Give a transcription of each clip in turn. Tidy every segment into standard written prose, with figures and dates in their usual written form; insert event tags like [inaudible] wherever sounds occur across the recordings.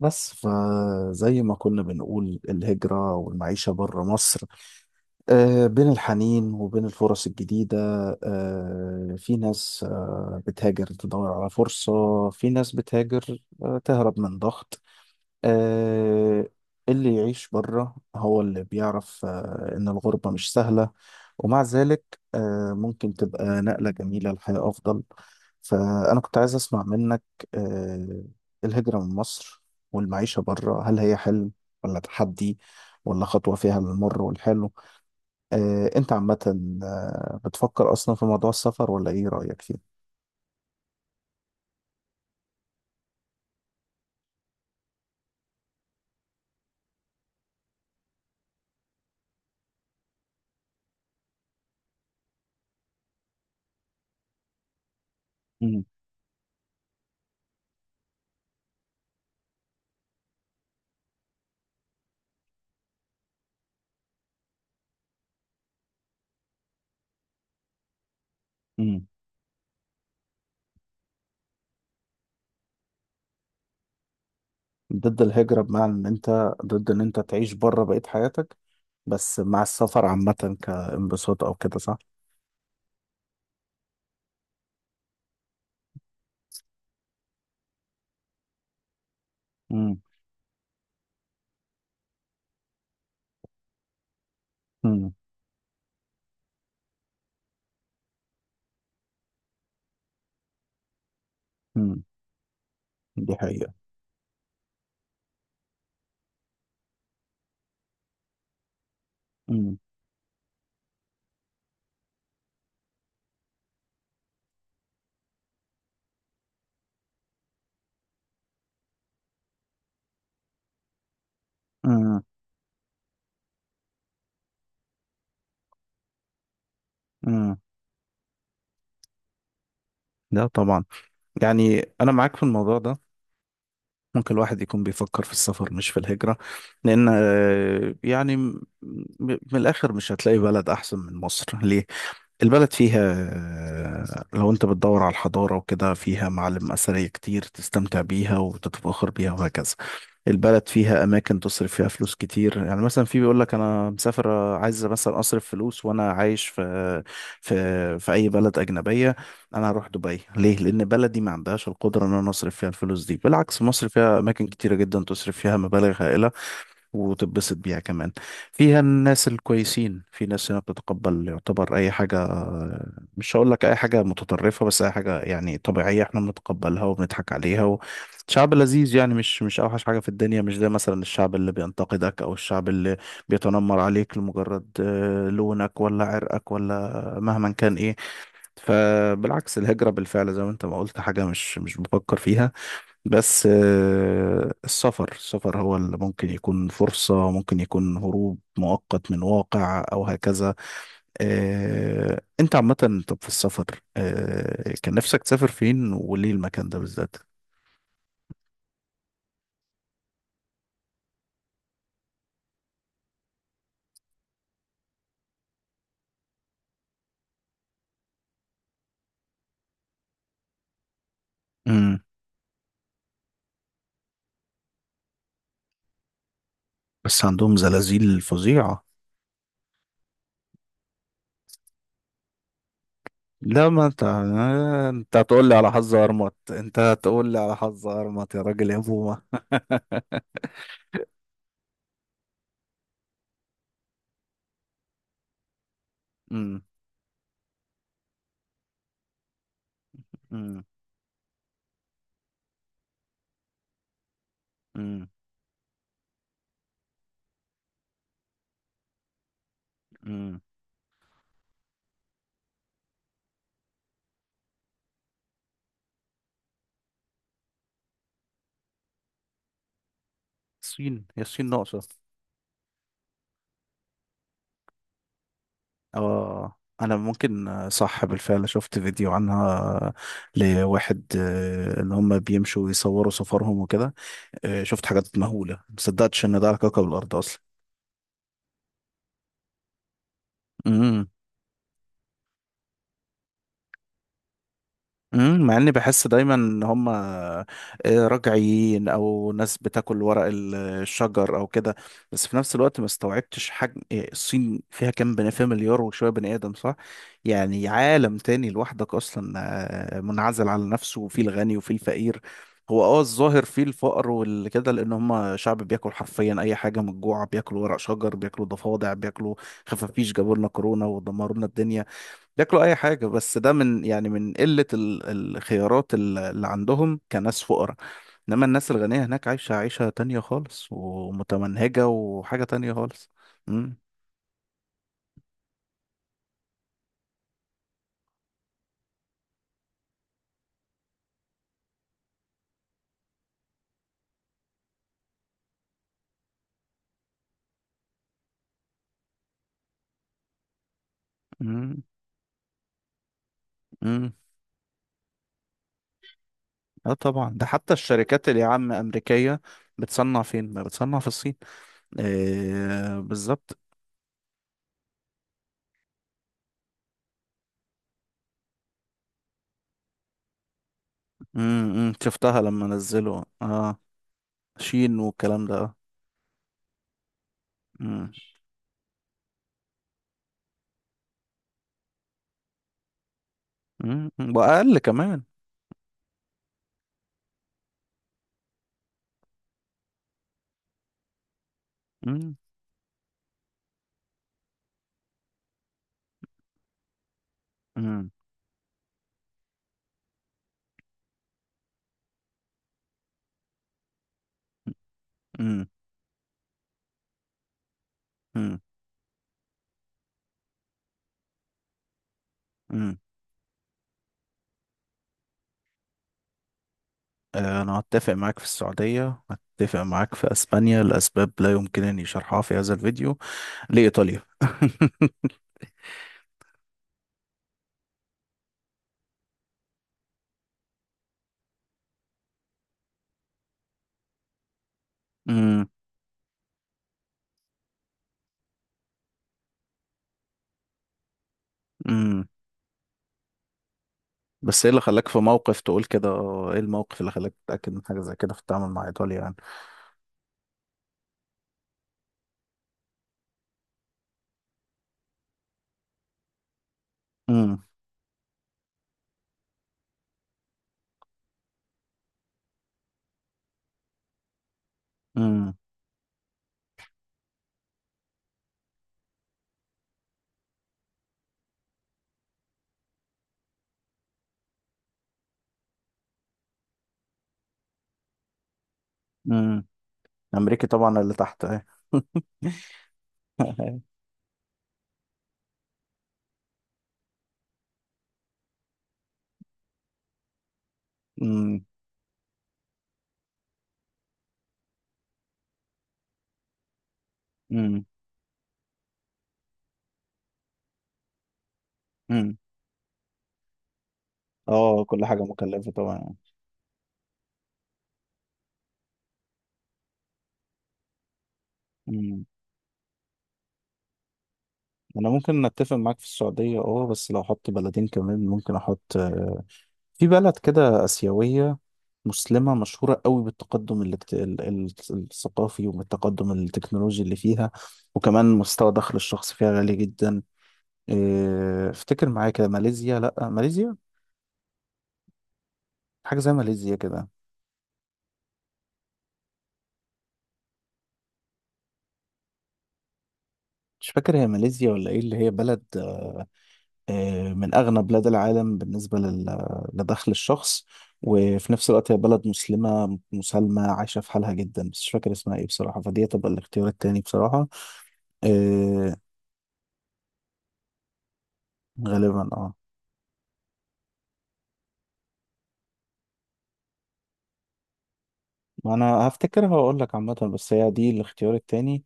بس فزي ما كنا بنقول الهجرة والمعيشة بره مصر. بين الحنين وبين الفرص الجديدة. في ناس بتهاجر تدور على فرصة. في ناس بتهاجر تهرب من ضغط. آه، اللي يعيش بره هو اللي بيعرف إن الغربة مش سهلة، ومع ذلك ممكن تبقى نقلة جميلة لحياة أفضل. فأنا كنت عايز أسمع منك، آه، الهجرة من مصر والمعيشة بره، هل هي حلم ولا تحدي ولا خطوة فيها للمر والحلو؟ أنت عامة بتفكر أصلا في موضوع السفر ولا إيه رأيك فيه؟ مم. مم. ضد الهجرة بمعنى إن أنت ضد إن أنت تعيش بره بقية حياتك، بس مع السفر عامة كانبساط أو كده، صح؟ مم. مم. مم. دي حقيقة. مم. مم. مم. لا طبعا، يعني أنا معاك في الموضوع ده. ممكن الواحد يكون بيفكر في السفر مش في الهجرة، لأن يعني من الآخر مش هتلاقي بلد أحسن من مصر. ليه؟ البلد فيها، لو انت بتدور على الحضارة وكده، فيها معالم أثرية كتير تستمتع بيها وتتفاخر بيها وهكذا. البلد فيها أماكن تصرف فيها فلوس كتير. يعني مثلا في بيقول لك أنا مسافر، عايز مثلا أصرف فلوس وأنا عايش في أي بلد أجنبية. أنا هروح دبي ليه؟ لأن بلدي ما عندهاش القدرة إن أنا أصرف فيها الفلوس دي. بالعكس، مصر فيها أماكن كتيرة جدا تصرف فيها مبالغ هائلة وتتبسط بيها كمان. فيها الناس الكويسين، في ناس هنا بتتقبل يعتبر أي حاجة. مش هقول لك أي حاجة متطرفة، بس أي حاجة يعني طبيعية احنا بنتقبلها وبنضحك عليها. وشعب لذيذ، يعني مش أوحش حاجة في الدنيا، مش زي مثلا الشعب اللي بينتقدك أو الشعب اللي بيتنمر عليك لمجرد لونك ولا عرقك ولا مهما كان إيه. فبالعكس، الهجرة بالفعل زي ما أنت ما قلت، حاجة مش بفكر فيها. بس السفر السفر هو اللي ممكن يكون فرصة، ممكن يكون هروب مؤقت من واقع أو هكذا. أنت عامة، طب في السفر كان نفسك تسافر فين وليه المكان ده بالذات؟ مم. بس عندهم زلازل فظيعة. لا، ما انت انت هتقول لي على حظ ارمط، انت هتقول لي على حظ ارمط يا راجل يا بومة. امم. امم. امم. امم. الصين؟ هي الصين ناقصة. اه، انا ممكن صح، بالفعل شفت فيديو عنها لواحد ان هم بيمشوا ويصوروا سفرهم وكده. شفت حاجات مهولة، مصدقتش ان ده على كوكب الارض اصلا. مم، مع اني بحس دايما ان هم رجعيين او ناس بتاكل ورق الشجر او كده، بس في نفس الوقت ما استوعبتش حجم، إيه، الصين فيها كام بني، فيها مليار وشويه بني ادم، صح؟ يعني عالم تاني لوحدك اصلا، منعزل على نفسه، وفيه الغني وفيه الفقير. هو الظاهر فيه الفقر والكده، لان هم شعب بياكل حرفيا اي حاجه من الجوع، بياكلوا ورق شجر، بياكلوا ضفادع، بياكلوا خفافيش، جابوا لنا كورونا ودمروا لنا الدنيا. ياكلوا اي حاجه، بس ده من، يعني، من قله الخيارات اللي عندهم كناس فقراء. انما الناس الغنيه هناك عايشه عيشه تانية خالص ومتمنهجه وحاجه تانية خالص. امم. امم. امم. اه طبعا. ده حتى الشركات اللي يا عم امريكيه، بتصنع فين ما بتصنع؟ في الصين. إيه بالظبط. امم. إمم. شفتها لما نزلوا، اه، شين والكلام ده، اه. امم. إمم، إمم. واقل كمان. امم. امم. امم. إمم، إمم. أنا أتفق معاك في السعودية، أتفق معاك في أسبانيا لأسباب لا يمكنني شرحها في هذا الفيديو، لإيطاليا [laughs] أمم، أمم. بس إيه اللي خلاك في موقف تقول كده؟ إيه الموقف اللي خلاك تتأكد من حاجة زي كده في التعامل مع إيطاليا يعني؟ أمم، أمم، أمم. أمريكي طبعا اللي تحت أهي. [laughs] أمم، أمم، أمم. [laughs] آه، كل حاجة مكلفة طبعا. أمم. أنا ممكن أتفق معاك في السعودية أه، بس لو أحط بلدين كمان ممكن أحط في بلد كده آسيوية مسلمة مشهورة قوي بالتقدم اللي الثقافي والتقدم التكنولوجي اللي فيها، وكمان مستوى دخل الشخص فيها عالي جدا. إيه، افتكر معايا كده، ماليزيا؟ لا ماليزيا، حاجة زي ماليزيا كده. مش فاكر هي ماليزيا ولا ايه، اللي هي بلد من أغنى بلاد العالم بالنسبة لدخل الشخص، وفي نفس الوقت هي بلد مسلمة مسالمة عايشة في حالها جدا، بس مش فاكر اسمها ايه بصراحة، فدي تبقى الاختيار التاني بصراحة. آه، غالبا اه. ما انا هفتكر هقول لك عامه، بس هي دي الاختيار التاني.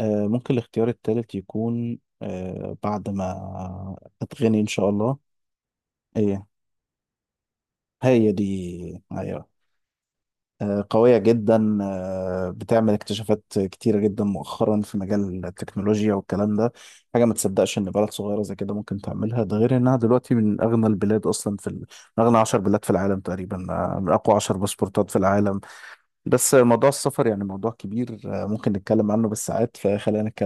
آه، ممكن الاختيار التالت يكون، آه، بعد ما اتغني ان شاء الله. ايه، هي دي. ايوه. آه، قويه جدا، آه بتعمل اكتشافات كتيره جدا مؤخرا في مجال التكنولوجيا والكلام ده. حاجه ما تصدقش ان بلد صغيره زي كده ممكن تعملها. ده غير انها دلوقتي من اغنى البلاد اصلا من اغنى 10 بلاد في العالم تقريبا، من اقوى 10 باسبورتات في العالم. بس موضوع السفر يعني موضوع كبير، ممكن نتكلم عنه بالساعات، فخلينا نتكلم